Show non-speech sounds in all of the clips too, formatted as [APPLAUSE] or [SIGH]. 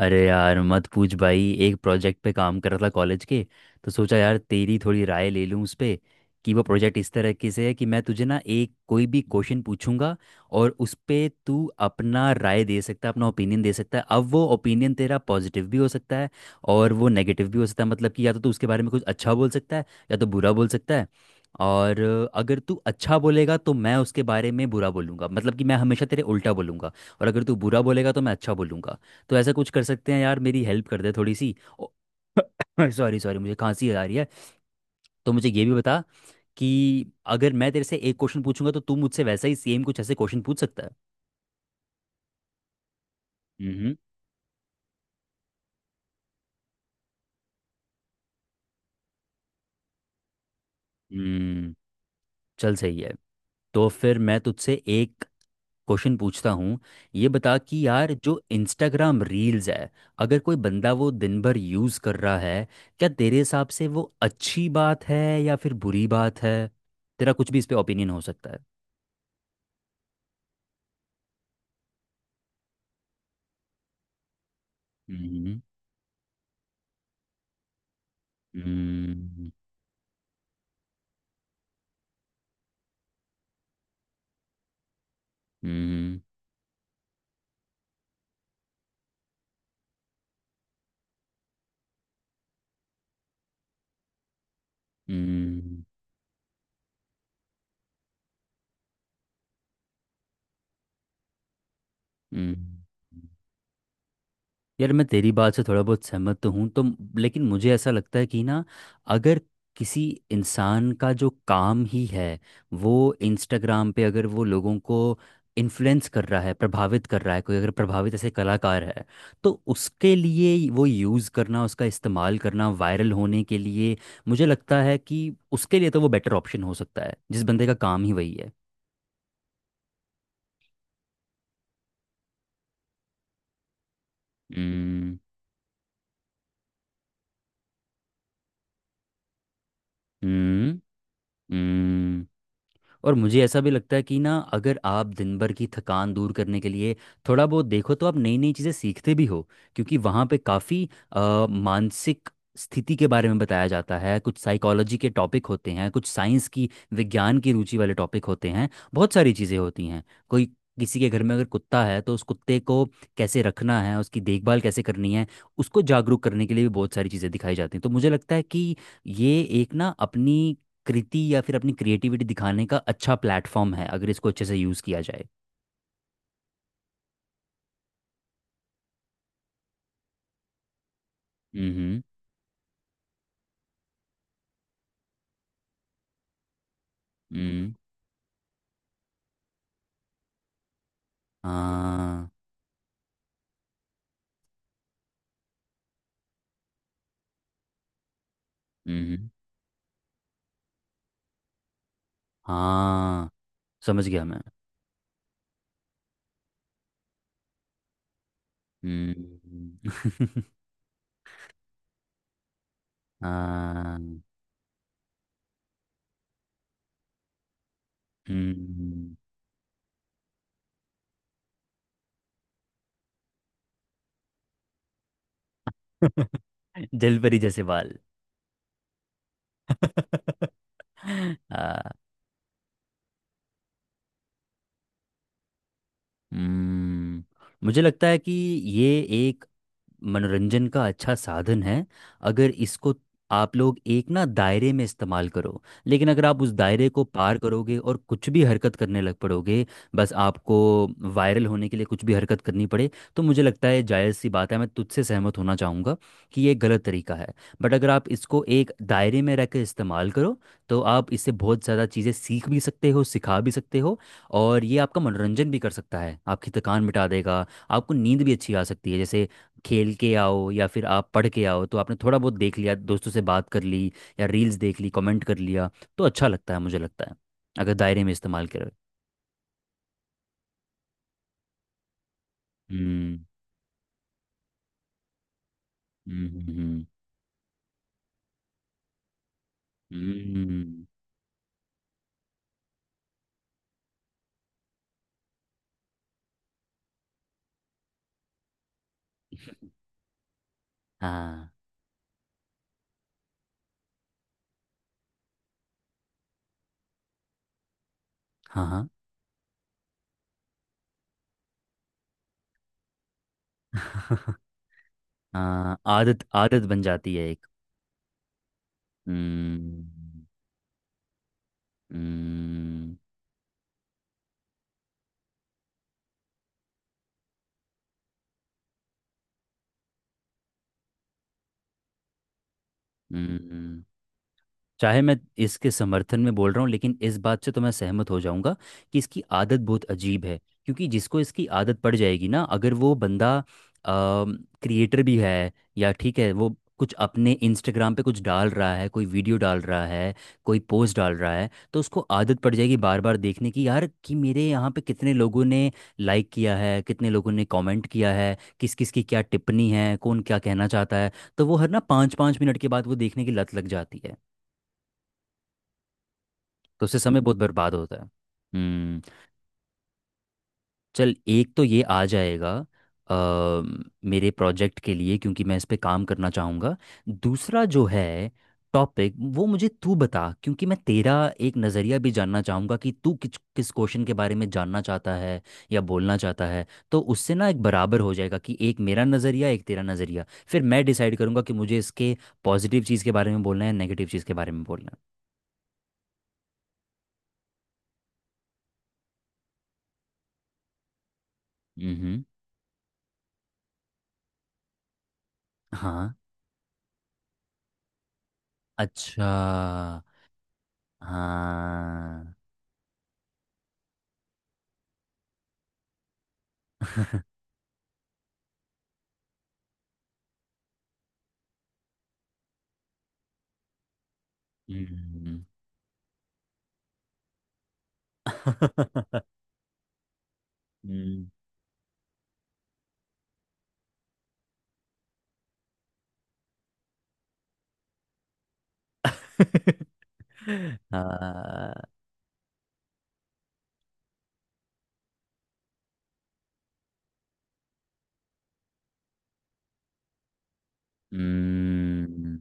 अरे यार मत पूछ भाई। एक प्रोजेक्ट पे काम कर रहा था कॉलेज के। तो सोचा यार तेरी थोड़ी राय ले लूँ उस पे। कि वो प्रोजेक्ट इस तरह के से है कि मैं तुझे ना एक कोई भी क्वेश्चन पूछूंगा और उस पे तू अपना राय दे सकता है। अपना ओपिनियन दे सकता है। अब वो ओपिनियन तेरा पॉजिटिव भी हो सकता है और वो नेगेटिव भी हो सकता है। मतलब कि या तो तू उसके बारे में कुछ अच्छा बोल सकता है या तो बुरा बोल सकता है। और अगर तू अच्छा बोलेगा तो मैं उसके बारे में बुरा बोलूंगा। मतलब कि मैं हमेशा तेरे उल्टा बोलूंगा। और अगर तू बुरा बोलेगा तो मैं अच्छा बोलूंगा। तो ऐसा कुछ कर सकते हैं यार, मेरी हेल्प कर दे थोड़ी सी। सॉरी सॉरी, [COUGHS] मुझे खांसी आ रही है। तो मुझे ये भी बता कि अगर मैं तेरे से एक क्वेश्चन पूछूंगा तो तू मुझसे वैसा ही सेम कुछ ऐसे क्वेश्चन पूछ सकता है। हम्म। हम्म, चल सही है। तो फिर मैं तुझसे एक क्वेश्चन पूछता हूँ। ये बता कि यार जो इंस्टाग्राम रील्स है, अगर कोई बंदा वो दिन भर यूज़ कर रहा है, क्या तेरे हिसाब से वो अच्छी बात है या फिर बुरी बात है? तेरा कुछ भी इस पे ओपिनियन हो सकता है। हम्म। हम्म। हम्म। हम्म। यार मैं तेरी बात से थोड़ा बहुत सहमत तो हूँ, तो लेकिन मुझे ऐसा लगता है कि ना अगर किसी इंसान का जो काम ही है, वो इंस्टाग्राम पे अगर वो लोगों को इन्फ्लुएंस कर रहा है, प्रभावित कर रहा है, कोई अगर प्रभावित ऐसे कलाकार है, तो उसके लिए वो यूज़ करना, उसका इस्तेमाल करना वायरल होने के लिए, मुझे लगता है कि उसके लिए तो वो बेटर ऑप्शन हो सकता है, जिस बंदे का काम ही वही है। हम्म। हम्म। और मुझे ऐसा भी लगता है कि ना अगर आप दिन भर की थकान दूर करने के लिए थोड़ा बहुत देखो, तो आप नई नई चीज़ें सीखते भी हो। क्योंकि वहाँ पे काफ़ी मानसिक स्थिति के बारे में बताया जाता है, कुछ साइकोलॉजी के टॉपिक होते हैं, कुछ साइंस की, विज्ञान की रुचि वाले टॉपिक होते हैं, बहुत सारी चीज़ें होती हैं। कोई, किसी के घर में अगर कुत्ता है तो उस कुत्ते को कैसे रखना है, उसकी देखभाल कैसे करनी है, उसको जागरूक करने के लिए भी बहुत सारी चीज़ें दिखाई जाती हैं। तो मुझे लगता है कि ये एक ना अपनी कृति या फिर अपनी क्रिएटिविटी दिखाने का अच्छा प्लेटफॉर्म है, अगर इसको अच्छे से यूज़ किया जाए। हम्म। हम्म। हाँ। हम्म। हाँ, समझ गया मैं। हम्म। [LAUGHS] हाँ। हम्म। [LAUGHS] जलपरी जैसे बाल। [LAUGHS] आ, हम्म, मुझे लगता है कि ये मनोरंजन का अच्छा साधन है, अगर इसको आप लोग एक ना दायरे में इस्तेमाल करो। लेकिन अगर आप उस दायरे को पार करोगे और कुछ भी हरकत करने लग पड़ोगे, बस आपको वायरल होने के लिए कुछ भी हरकत करनी पड़े, तो मुझे लगता है जायज़ सी बात है, मैं तुझसे सहमत होना चाहूँगा कि ये गलत तरीका है। बट अगर आप इसको एक दायरे में रहकर इस्तेमाल करो, तो आप इससे बहुत ज़्यादा चीज़ें सीख भी सकते हो, सिखा भी सकते हो। और ये आपका मनोरंजन भी कर सकता है, आपकी थकान मिटा देगा, आपको नींद भी अच्छी आ सकती है। जैसे खेल के आओ या फिर आप पढ़ के आओ, तो आपने थोड़ा बहुत देख लिया, दोस्तों से बात कर ली, या रील्स देख ली, कमेंट कर लिया, तो अच्छा लगता है, मुझे लगता है, अगर दायरे में इस्तेमाल करें। हम्म। हम्म। हम्म। हम्म। हाँ हाँ। हाँ। [LAUGHS] हाँ, आदत आदत बन जाती है एक। हम्म। हम्म। हम्म। चाहे मैं इसके समर्थन में बोल रहा हूँ, लेकिन इस बात से तो मैं सहमत हो जाऊंगा कि इसकी आदत बहुत अजीब है। क्योंकि जिसको इसकी आदत पड़ जाएगी ना, अगर वो बंदा क्रिएटर भी है, या ठीक है वो कुछ अपने इंस्टाग्राम पे कुछ डाल रहा है, कोई वीडियो डाल रहा है, कोई पोस्ट डाल रहा है, तो उसको आदत पड़ जाएगी बार बार देखने की यार, कि मेरे यहाँ पे कितने लोगों ने लाइक किया है, कितने लोगों ने कमेंट किया है, किस किस की क्या टिप्पणी है, कौन क्या कहना चाहता है। तो वो हर ना पाँच पाँच मिनट के बाद वो देखने की लत लग जाती है। तो उससे समय बहुत बर्बाद होता है। हम्म। चल एक तो ये आ जाएगा अ, मेरे प्रोजेक्ट के लिए, क्योंकि मैं इस पे काम करना चाहूँगा। दूसरा जो है टॉपिक, वो मुझे तू बता, क्योंकि मैं तेरा एक नज़रिया भी जानना चाहूँगा कि तू किस किस क्वेश्चन के बारे में जानना चाहता है या बोलना चाहता है। तो उससे ना एक बराबर हो जाएगा कि एक मेरा नज़रिया, एक तेरा नज़रिया, फिर मैं डिसाइड करूँगा कि मुझे इसके पॉजिटिव चीज़ के बारे में बोलना है, नेगेटिव चीज़ के बारे में बोलना है। हम्म। हाँ। अच्छा। हाँ। हम्म। [LAUGHS] हम्म। [LAUGHS] हाँ। हम्म,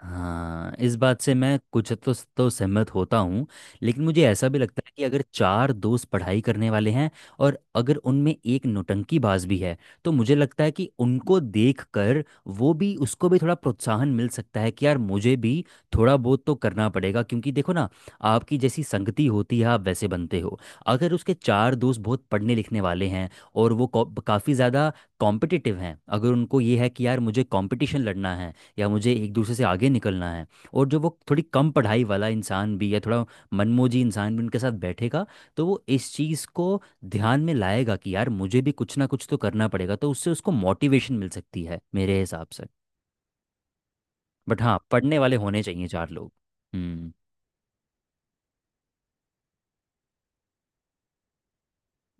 हाँ इस बात से मैं कुछ तो सहमत होता हूँ। लेकिन मुझे ऐसा भी लगता है कि अगर चार दोस्त पढ़ाई करने वाले हैं, और अगर उनमें एक नौटंकीबाज भी है, तो मुझे लगता है कि उनको देख कर वो भी, उसको भी थोड़ा प्रोत्साहन मिल सकता है कि यार मुझे भी थोड़ा बहुत तो करना पड़ेगा। क्योंकि देखो ना, आपकी जैसी संगति होती है आप वैसे बनते हो। अगर उसके चार दोस्त बहुत पढ़ने लिखने वाले हैं और वो काफ़ी ज़्यादा कॉम्पिटिटिव हैं, अगर उनको ये है कि यार मुझे कॉम्पिटिशन लड़ना है या मुझे एक दूसरे से आगे निकलना है, और जो वो थोड़ी कम पढ़ाई वाला इंसान भी या थोड़ा मनमोजी इंसान भी उनके साथ बैठेगा, तो वो इस चीज़ को ध्यान में लाएगा कि यार मुझे भी कुछ ना कुछ तो करना पड़ेगा, तो उससे उसको मोटिवेशन मिल सकती है मेरे हिसाब से। बट हाँ, पढ़ने वाले होने चाहिए चार लोग। हम्म।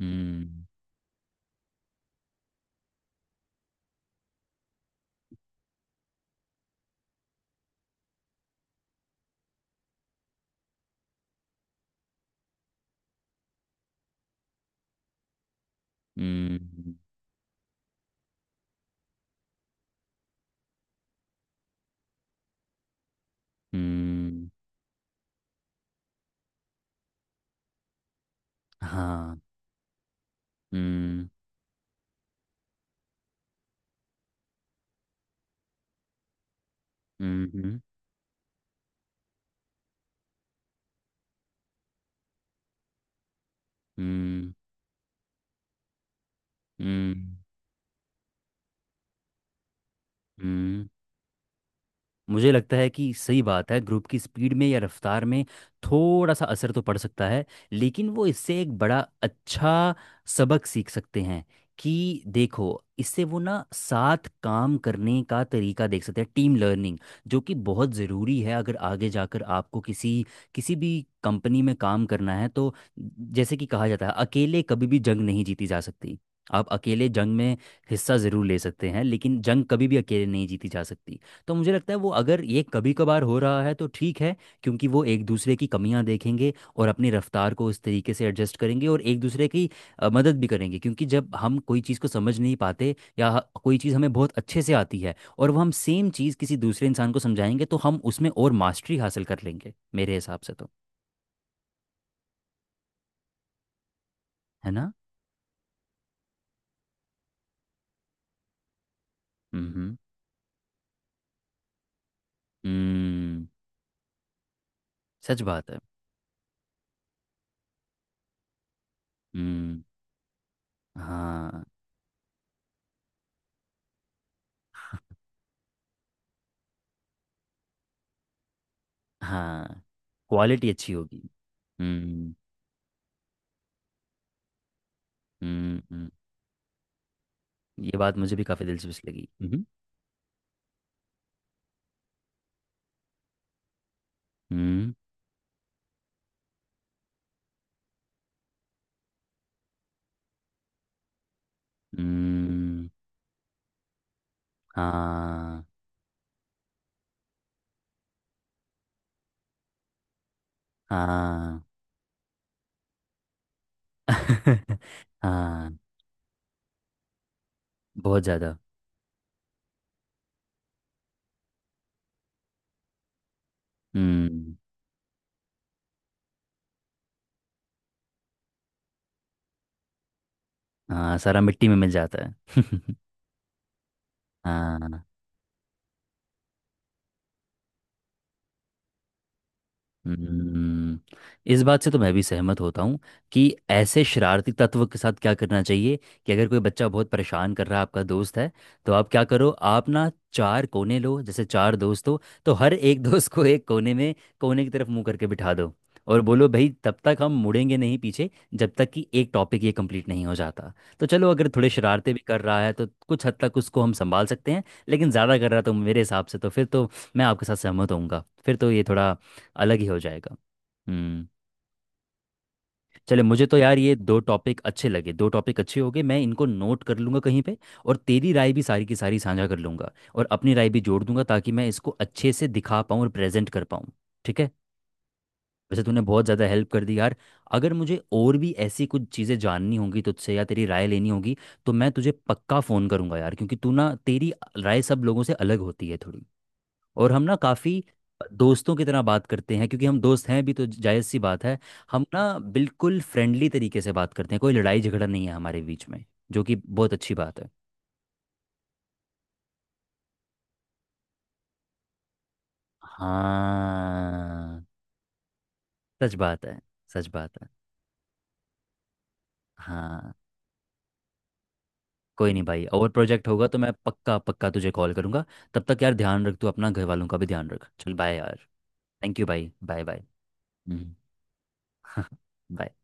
हम्म। हम्म। हम्म। हाँ। हम्म। हम्म। हम्म। हम्म। हम्म। मुझे लगता है कि सही बात है, ग्रुप की स्पीड में या रफ्तार में थोड़ा सा असर तो पड़ सकता है। लेकिन वो इससे एक बड़ा अच्छा सबक सीख सकते हैं। कि देखो, इससे वो ना साथ काम करने का तरीका देख सकते हैं, टीम लर्निंग, जो कि बहुत ज़रूरी है अगर आगे जाकर आपको किसी, किसी भी कंपनी में काम करना है तो। जैसे कि कहा जाता है, अकेले कभी भी जंग नहीं जीती जा सकती। आप अकेले जंग में हिस्सा ज़रूर ले सकते हैं, लेकिन जंग कभी भी अकेले नहीं जीती जा सकती। तो मुझे लगता है वो, अगर ये कभी कभार हो रहा है तो ठीक है। क्योंकि वो एक दूसरे की कमियां देखेंगे और अपनी रफ्तार को उस तरीके से एडजस्ट करेंगे, और एक दूसरे की मदद भी करेंगे। क्योंकि जब हम कोई चीज़ को समझ नहीं पाते, या कोई चीज़ हमें बहुत अच्छे से आती है, और वो हम सेम चीज़ किसी दूसरे इंसान को समझाएंगे, तो हम उसमें और मास्टरी हासिल कर लेंगे मेरे हिसाब से तो। है ना? हम्म। हम्म। सच बात है। हम्म। हाँ। हाँ। क्वालिटी अच्छी होगी। हम्म। हम्म। हम्म। ये बात मुझे भी काफी दिलचस्प लगी। मम्म। हम्म। हम्म। हाँ। हाँ। [LAUGHS] हाँ। बहुत ज्यादा। हम्म। हाँ, सारा मिट्टी में मिल जाता है। [LAUGHS] हाँ। हम्म, इस बात से तो मैं भी सहमत होता हूँ कि ऐसे शरारती तत्व के साथ क्या करना चाहिए। कि अगर कोई बच्चा बहुत परेशान कर रहा है, आपका दोस्त है, तो आप क्या करो? आप ना चार कोने लो, जैसे चार दोस्त हो, तो हर एक [LAUGHS] दोस्त को एक कोने में, कोने की तरफ मुंह करके बिठा दो। और बोलो भाई तब तक हम मुड़ेंगे नहीं पीछे, जब तक कि एक टॉपिक ये कंप्लीट नहीं हो जाता। तो चलो, अगर थोड़े शरारते भी कर रहा है तो कुछ हद तक उसको हम संभाल सकते हैं। लेकिन ज़्यादा कर रहा है तो मेरे हिसाब से तो फिर तो मैं आपके साथ सहमत होऊंगा, फिर तो ये थोड़ा अलग ही हो जाएगा। हम्म। चले, मुझे तो यार ये दो टॉपिक अच्छे लगे, दो टॉपिक अच्छे हो गए, मैं इनको नोट कर लूँगा कहीं पे। और तेरी राय भी सारी की सारी साझा कर लूँगा, और अपनी राय भी जोड़ दूंगा, ताकि मैं इसको अच्छे से दिखा पाऊँ और प्रेजेंट कर पाऊँ। ठीक है। वैसे तूने बहुत ज़्यादा हेल्प कर दी यार। अगर मुझे और भी ऐसी कुछ चीज़ें जाननी होंगी तुझसे या तेरी राय लेनी होगी, तो मैं तुझे पक्का फ़ोन करूँगा यार। क्योंकि तू ना, तेरी राय सब लोगों से अलग होती है थोड़ी। और हम ना काफ़ी दोस्तों की तरह बात करते हैं, क्योंकि हम दोस्त हैं भी, तो जायज़ सी बात है। हम ना बिल्कुल फ्रेंडली तरीके से बात करते हैं, कोई लड़ाई झगड़ा नहीं है हमारे बीच में, जो कि बहुत अच्छी बात है। हाँ। सच बात है। सच बात है। हाँ। कोई नहीं भाई, और प्रोजेक्ट होगा तो मैं पक्का पक्का तुझे कॉल करूँगा। तब तक यार ध्यान रख, तू अपना घर वालों का भी ध्यान रख। चल बाय यार। थैंक यू भाई। Bye bye. हम्म। [LAUGHS] बाय।